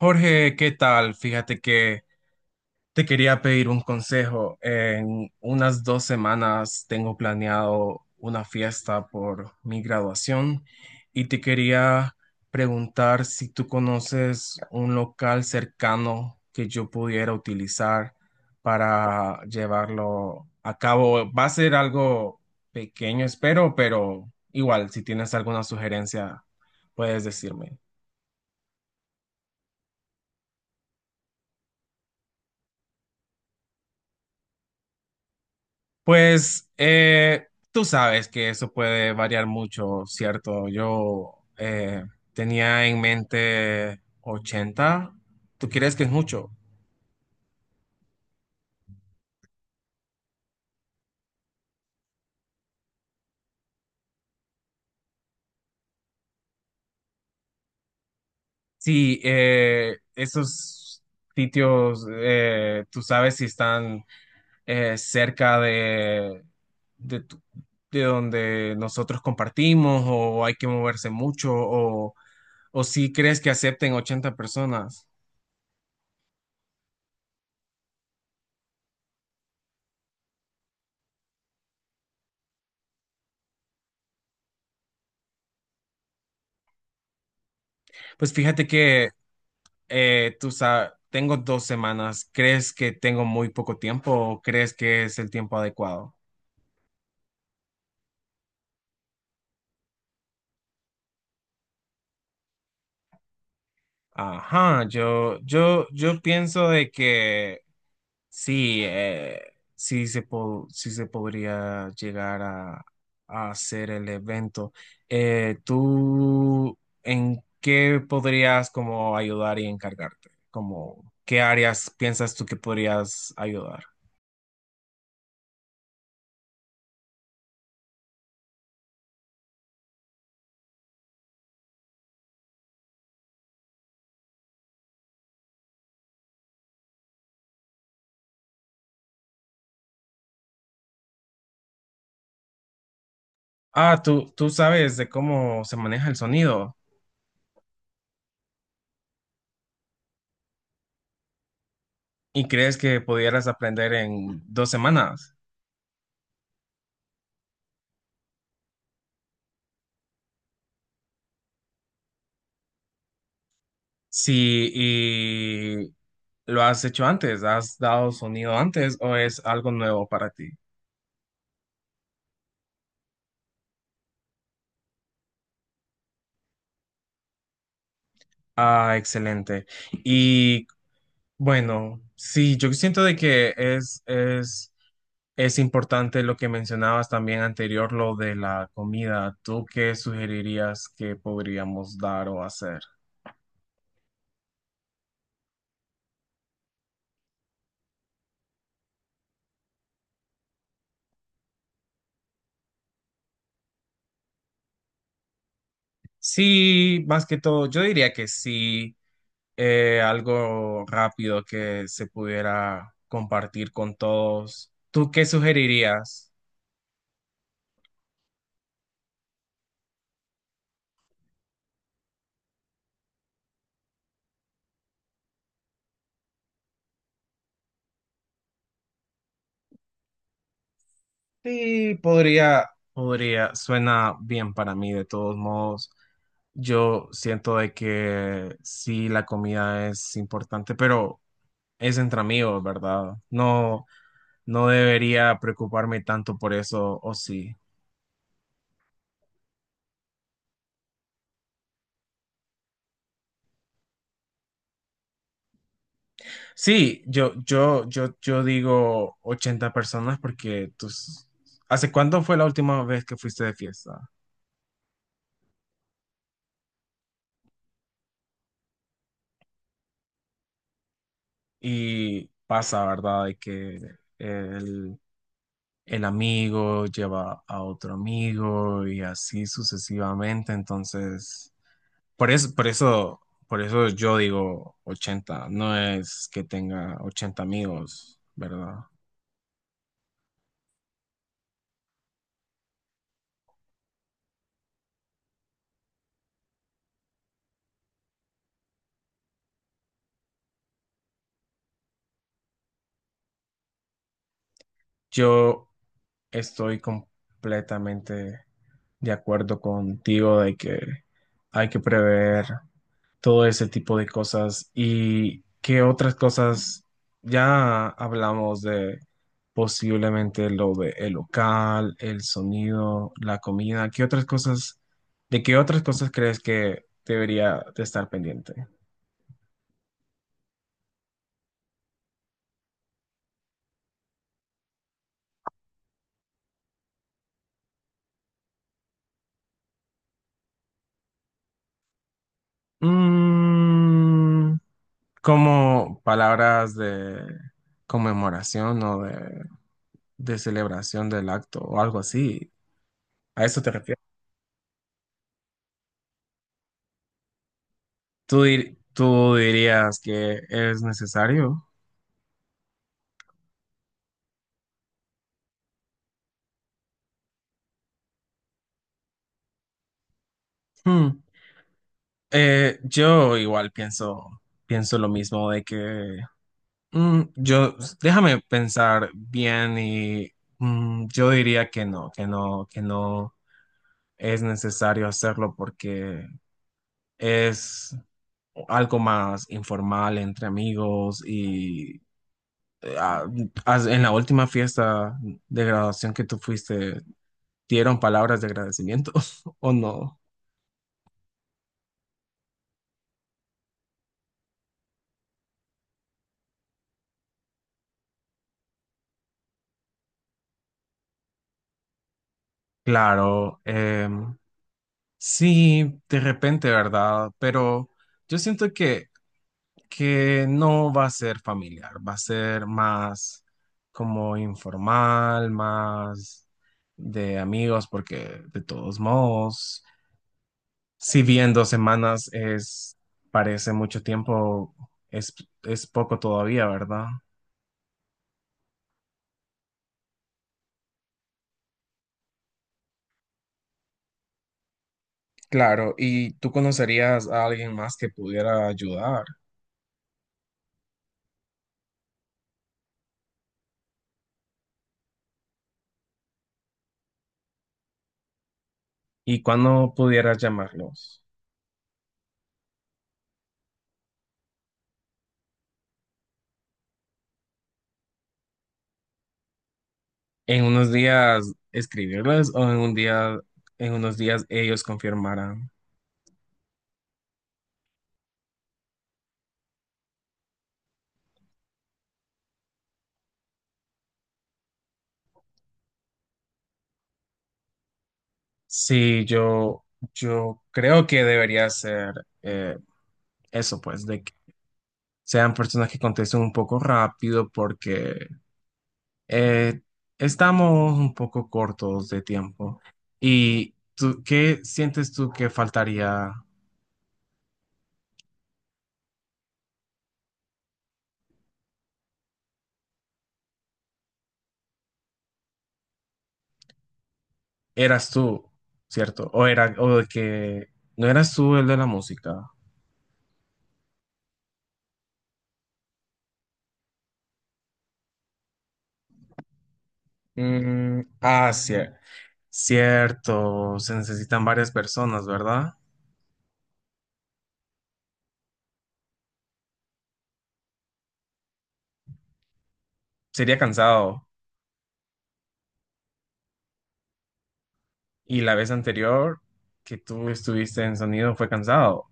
Jorge, ¿qué tal? Fíjate que te quería pedir un consejo. En unas 2 semanas tengo planeado una fiesta por mi graduación y te quería preguntar si tú conoces un local cercano que yo pudiera utilizar para llevarlo a cabo. Va a ser algo pequeño, espero, pero igual, si tienes alguna sugerencia, puedes decirme. Pues tú sabes que eso puede variar mucho, ¿cierto? Yo tenía en mente 80. ¿Tú crees que es mucho? Sí, esos sitios, tú sabes si están cerca de, tu- de donde nosotros compartimos o hay que moverse mucho o si crees que acepten 80 personas. Pues fíjate que tú sabes, tengo 2 semanas. ¿Crees que tengo muy poco tiempo o crees que es el tiempo adecuado? Ajá, yo pienso de que sí, sí se podría llegar a hacer el evento. ¿Tú en qué podrías como ayudar y encargarte? Como, ¿qué áreas piensas tú que podrías ayudar? Ah, tú sabes de cómo se maneja el sonido y crees que pudieras aprender en 2 semanas. Sí, y lo has hecho antes, has dado sonido antes o es algo nuevo para ti. Ah, excelente. Y bueno, sí, yo siento de que es importante lo que mencionabas también anterior, lo de la comida. ¿Tú qué sugerirías que podríamos dar o hacer? Sí, más que todo, yo diría que sí algo rápido que se pudiera compartir con todos. ¿Tú qué sugerirías? Sí, podría, suena bien para mí de todos modos. Yo siento de que sí, la comida es importante, pero es entre amigos, ¿verdad? No, no debería preocuparme tanto por eso, o sí. Sí, yo digo 80 personas. ¿Hace cuándo fue la última vez que fuiste de fiesta? Y pasa, ¿verdad? De que el, el amigo lleva a otro amigo y así sucesivamente. Entonces, por eso, por eso, por eso yo digo 80. No es que tenga 80 amigos, ¿verdad? Yo estoy completamente de acuerdo contigo de que hay que prever todo ese tipo de cosas y qué otras cosas ya hablamos de posiblemente lo de el local, el sonido, la comida, qué otras cosas, de qué otras cosas crees que debería de estar pendiente. Mm, Como palabras de conmemoración o de celebración del acto o algo así. ¿A eso te refieres? ¿Tú dirías que es necesario? Hmm. Yo igual pienso lo mismo de que mm, yo, déjame pensar bien y yo diría que no es necesario hacerlo porque es algo más informal entre amigos y eh, ah, en la última fiesta de graduación que tú fuiste, ¿dieron palabras de agradecimiento o no? Claro, sí, de repente, ¿verdad? Pero yo siento que no va a ser familiar, va a ser más como informal, más de amigos, porque de todos modos. Si bien 2 semanas parece mucho tiempo, es, es poco todavía, ¿verdad? Claro, ¿y tú conocerías a alguien más que pudiera ayudar? ¿Y cuándo pudieras llamarlos? En unos días escribirles o en un día, en unos días ellos confirmarán. Sí, yo creo que debería ser eh, eso, pues, de que sean personas que contesten un poco rápido porque Eh, estamos un poco cortos de tiempo. ¿Y tú, qué sientes tú que faltaría? ¿Eras tú, cierto? ¿O de que no eras tú el de la música? Mm, ah, cier- Cierto. Se necesitan varias personas, ¿verdad? Sería cansado. Y la vez anterior que tú estuviste en sonido fue cansado.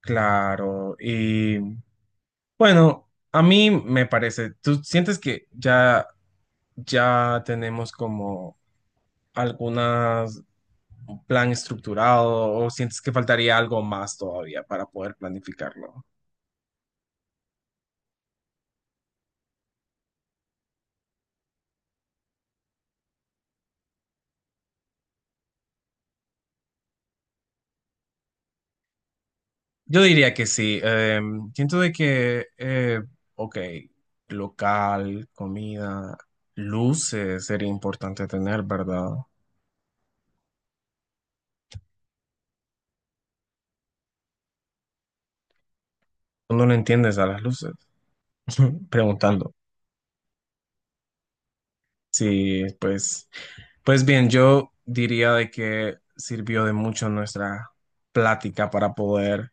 Claro. Y bueno, a mí me parece, ¿tú sientes que ya tenemos como algunas un plan estructurado o sientes que faltaría algo más todavía para poder planificarlo? Yo diría que sí. Siento de que, ok, local, comida, luces sería importante tener, ¿verdad? Tú no le entiendes a las luces, preguntando. Sí, pues bien, yo diría de que sirvió de mucho nuestra plática para poder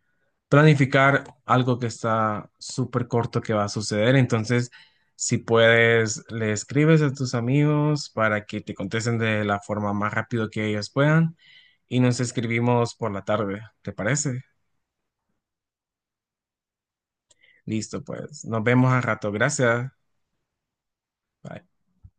planificar algo que está súper corto que va a suceder. Entonces, si puedes, le escribes a tus amigos para que te contesten de la forma más rápido que ellos puedan y nos escribimos por la tarde, ¿te parece? Listo, pues, nos vemos al rato. Gracias. Bye.